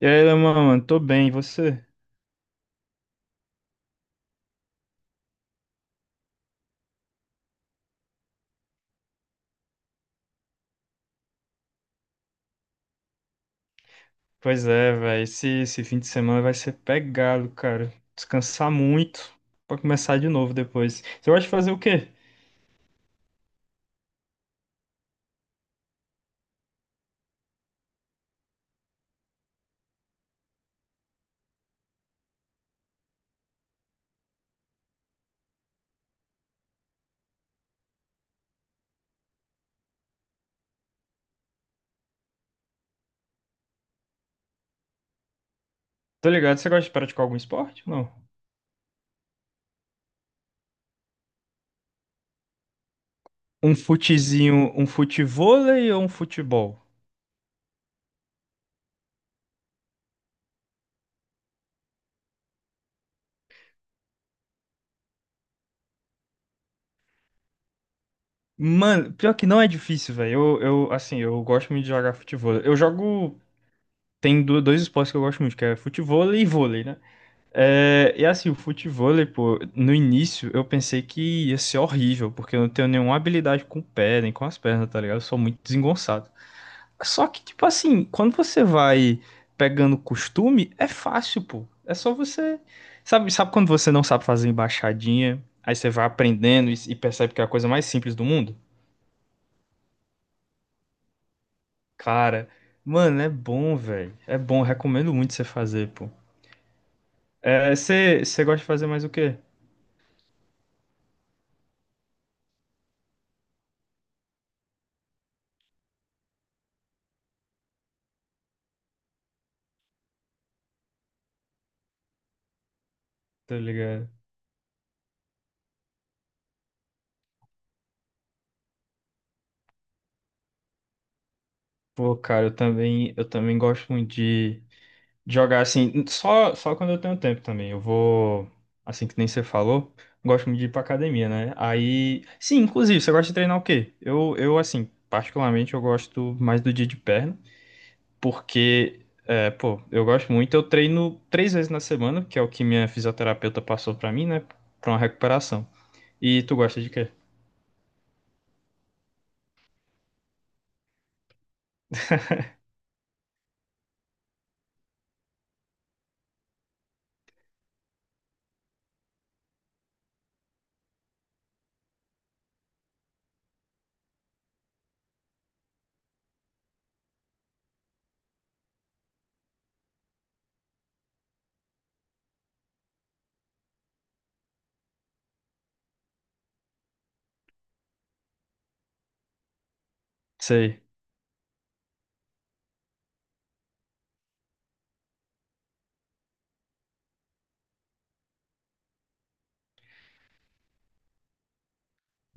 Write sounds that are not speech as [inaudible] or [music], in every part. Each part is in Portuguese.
E aí, Leman, mano, tô bem, e você? Pois é, velho, esse fim de semana vai ser pegado, cara. Descansar muito pra começar de novo depois. Você gosta de fazer o quê? Tô ligado, você gosta de praticar algum esporte? Não. Um futezinho, um futevôlei ou um futebol? Mano, pior que não é difícil, velho. Eu, assim, eu gosto muito de jogar futevôlei. Eu jogo. Tem dois esportes que eu gosto muito, que é futevôlei e vôlei, né? É, e assim, o futevôlei, pô, no início eu pensei que ia ser horrível, porque eu não tenho nenhuma habilidade com o pé, nem com as pernas, tá ligado? Eu sou muito desengonçado. Só que, tipo assim, quando você vai pegando costume, é fácil, pô. É só você. Sabe quando você não sabe fazer embaixadinha, aí você vai aprendendo e percebe que é a coisa mais simples do mundo? Cara, mano, é bom, velho. É bom, recomendo muito você fazer, pô. É, você gosta de fazer mais o quê? Tá ligado? Pô, cara, eu também gosto muito de jogar assim, só quando eu tenho tempo também. Eu vou, assim que nem você falou, gosto muito de ir pra academia, né? Aí, sim, inclusive, você gosta de treinar o quê? Eu, assim, particularmente, eu gosto mais do dia de perna, porque, é, pô, eu gosto muito. Eu treino três vezes na semana, que é o que minha fisioterapeuta passou pra mim, né? Pra uma recuperação. E tu gosta de quê? Sei.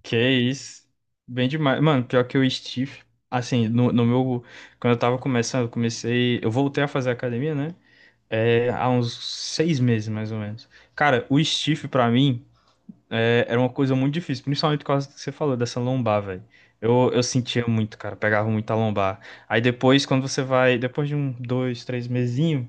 Que isso. Bem demais. Mano, pior que o Steve, assim, no meu. Quando eu tava começando, eu comecei. Eu voltei a fazer academia, né? É, há uns seis meses, mais ou menos. Cara, o Steve, pra mim. É, era uma coisa muito difícil, principalmente por causa do que você falou, dessa lombar, velho. Eu sentia muito, cara, pegava muito a lombar. Aí depois, quando você vai, depois de um, dois, três mesinho,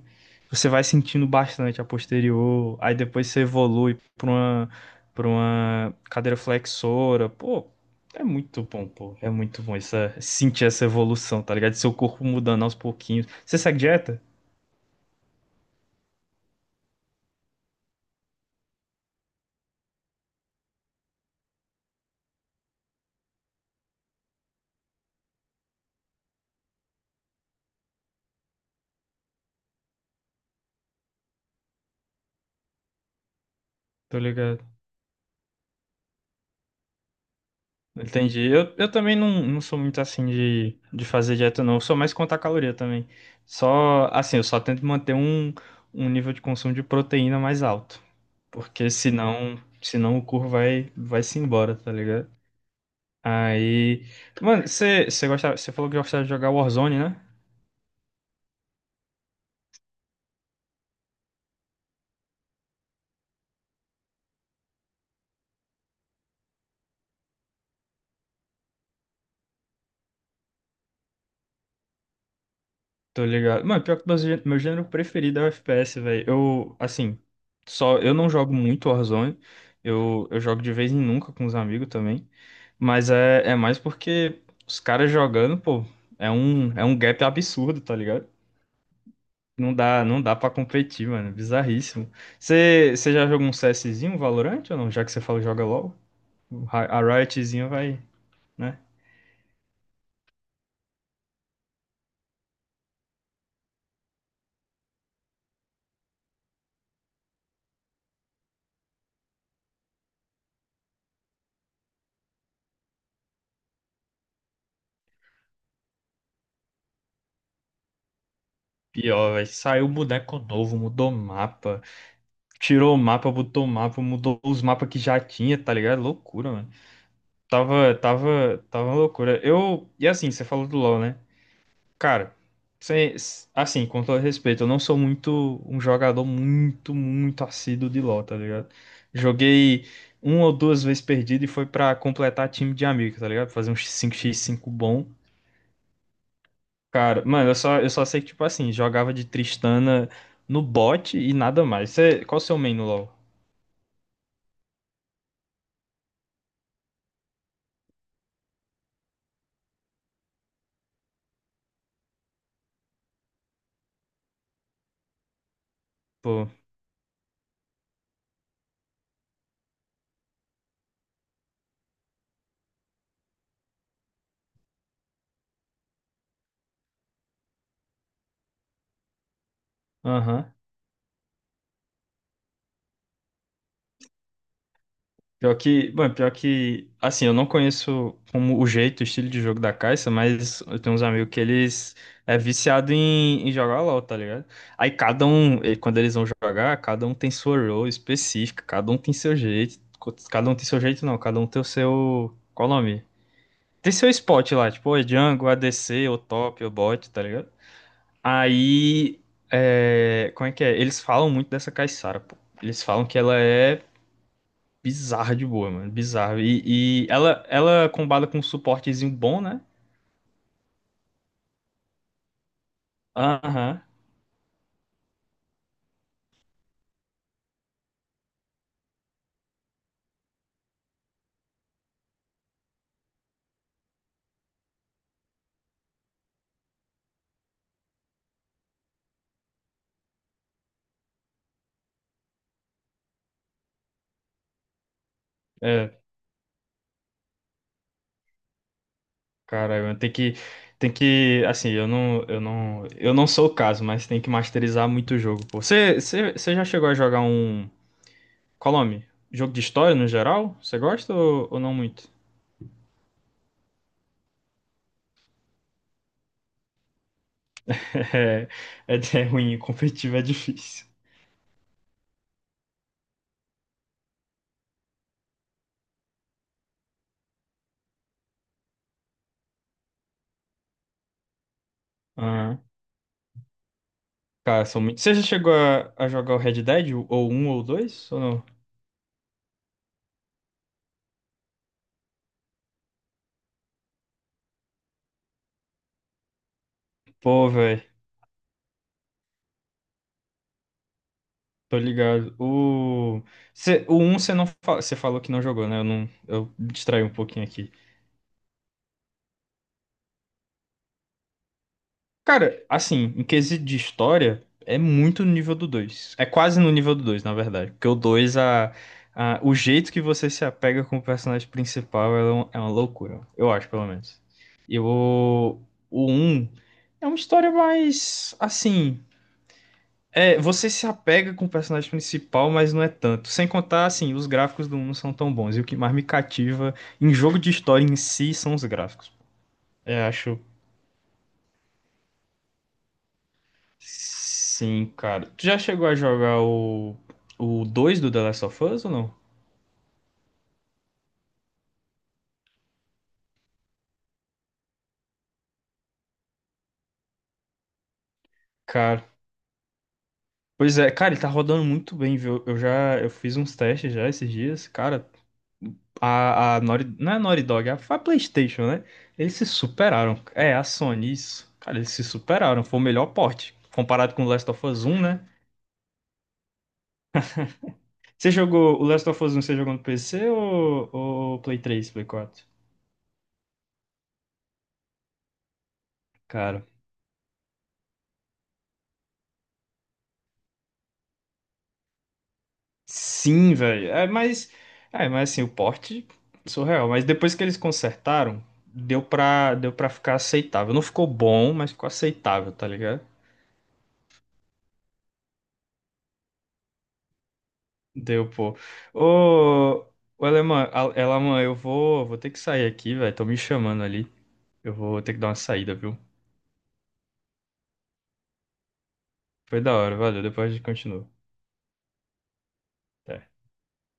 você vai sentindo bastante a posterior. Aí depois você evolui pra uma cadeira flexora. Pô, é muito bom, pô. É muito bom essa, sentir essa evolução, tá ligado? Seu corpo mudando aos pouquinhos. Você segue dieta? Tô ligado. Entendi. Eu também não sou muito assim de fazer dieta, não. Eu sou mais contar caloria também. Só, assim, eu só tento manter um nível de consumo de proteína mais alto. Porque senão o corpo vai se embora, tá ligado? Aí. Mano, você gostava, você falou que gostava de jogar Warzone, né? Tô ligado. Mano, pior que meu, meu gênero preferido é o FPS, velho. Eu, assim, só eu não jogo muito Warzone. Eu jogo de vez em nunca com os amigos também. Mas é, é mais porque os caras jogando, pô, é um gap absurdo, tá ligado? Não dá pra competir, mano. Bizarríssimo. Você já jogou um CSzinho, um Valorant ou não? Já que você falou joga LOL, o a Riotzinha vai, né? Pior, velho. Saiu boneco novo, mudou mapa. Tirou o mapa, botou o mapa, mudou os mapas que já tinha, tá ligado? Loucura, mano. Tava uma loucura. Eu, e assim, você falou do LoL, né? Cara, sem- assim, com todo respeito, eu não sou muito um jogador muito assíduo de LoL, tá ligado? Joguei uma ou duas vezes perdido e foi pra completar time de amigo, tá ligado? Fazer uns cinco x cinco bom. Cara, mano, eu só sei que, tipo assim, jogava de Tristana no bot e nada mais. Você, qual o seu main no LoL? Pô, aham. Pior que, bom, pior que, assim, eu não conheço como o jeito, o estilo de jogo da Caixa, mas eu tenho uns amigos que eles é viciado em jogar LoL, tá ligado? Aí cada um, e quando eles vão jogar, cada um tem sua role específica, cada um tem seu jeito, cada um tem seu jeito não, cada um tem o seu, qual o nome? Tem seu spot lá, tipo, ou é jungle, ADC, ou top, ou bot, tá ligado? Aí, é, como é que é? Eles falam muito dessa Caissara, pô. Eles falam que ela é bizarra de boa, mano. Bizarra. E ela, ela combada com um suportezinho bom, né? Aham. É, caralho, mano, tem que. Tem que. Assim, eu não. Eu não. Eu não sou o caso, mas tem que masterizar muito o jogo, pô. Você já chegou a jogar um. Qual o nome? Jogo de história no geral? Você gosta ou não muito? [laughs] É, é, é ruim, competitivo é difícil. Aham. Cara, são muito. Você já chegou a jogar o Red Dead? Ou um ou dois? Ou não? Pô, velho. Tô ligado. O, cê, o um você não fa... você falou que não jogou, né? Eu não, eu me distraí um pouquinho aqui. Cara, assim, em quesito de história, é muito no nível do dois. É quase no nível do dois, na verdade. Porque o o jeito que você se apega com o personagem principal é é uma loucura. Eu acho, pelo menos. E o um é uma história mais, assim. É, você se apega com o personagem principal, mas não é tanto. Sem contar, assim, os gráficos do 1 não são tão bons. E o que mais me cativa em jogo de história em si são os gráficos. Eu acho. Sim, cara. Tu já chegou a jogar o 2 do The Last of Us ou não? Cara. Pois é, cara, ele tá rodando muito bem, viu? Eu fiz uns testes já esses dias. Cara, a Naughty, não é Naughty Dog, é a PlayStation, né? Eles se superaram. É, a Sony, isso. Cara, eles se superaram. Foi o melhor porte. Comparado com o Last of Us um, né? Você jogou o Last of Us um, você jogou no PC ou Play três Play quatro? Cara, sim, velho. É, mas assim, o porte surreal. Mas depois que eles consertaram, deu pra ficar aceitável. Não ficou bom, mas ficou aceitável, tá ligado? Deu, pô. Ô, ô Alemã, Alemã, vou ter que sair aqui, velho. Estão me chamando ali. Eu vou ter que dar uma saída, viu? Foi da hora, valeu. Depois a gente continua. Até.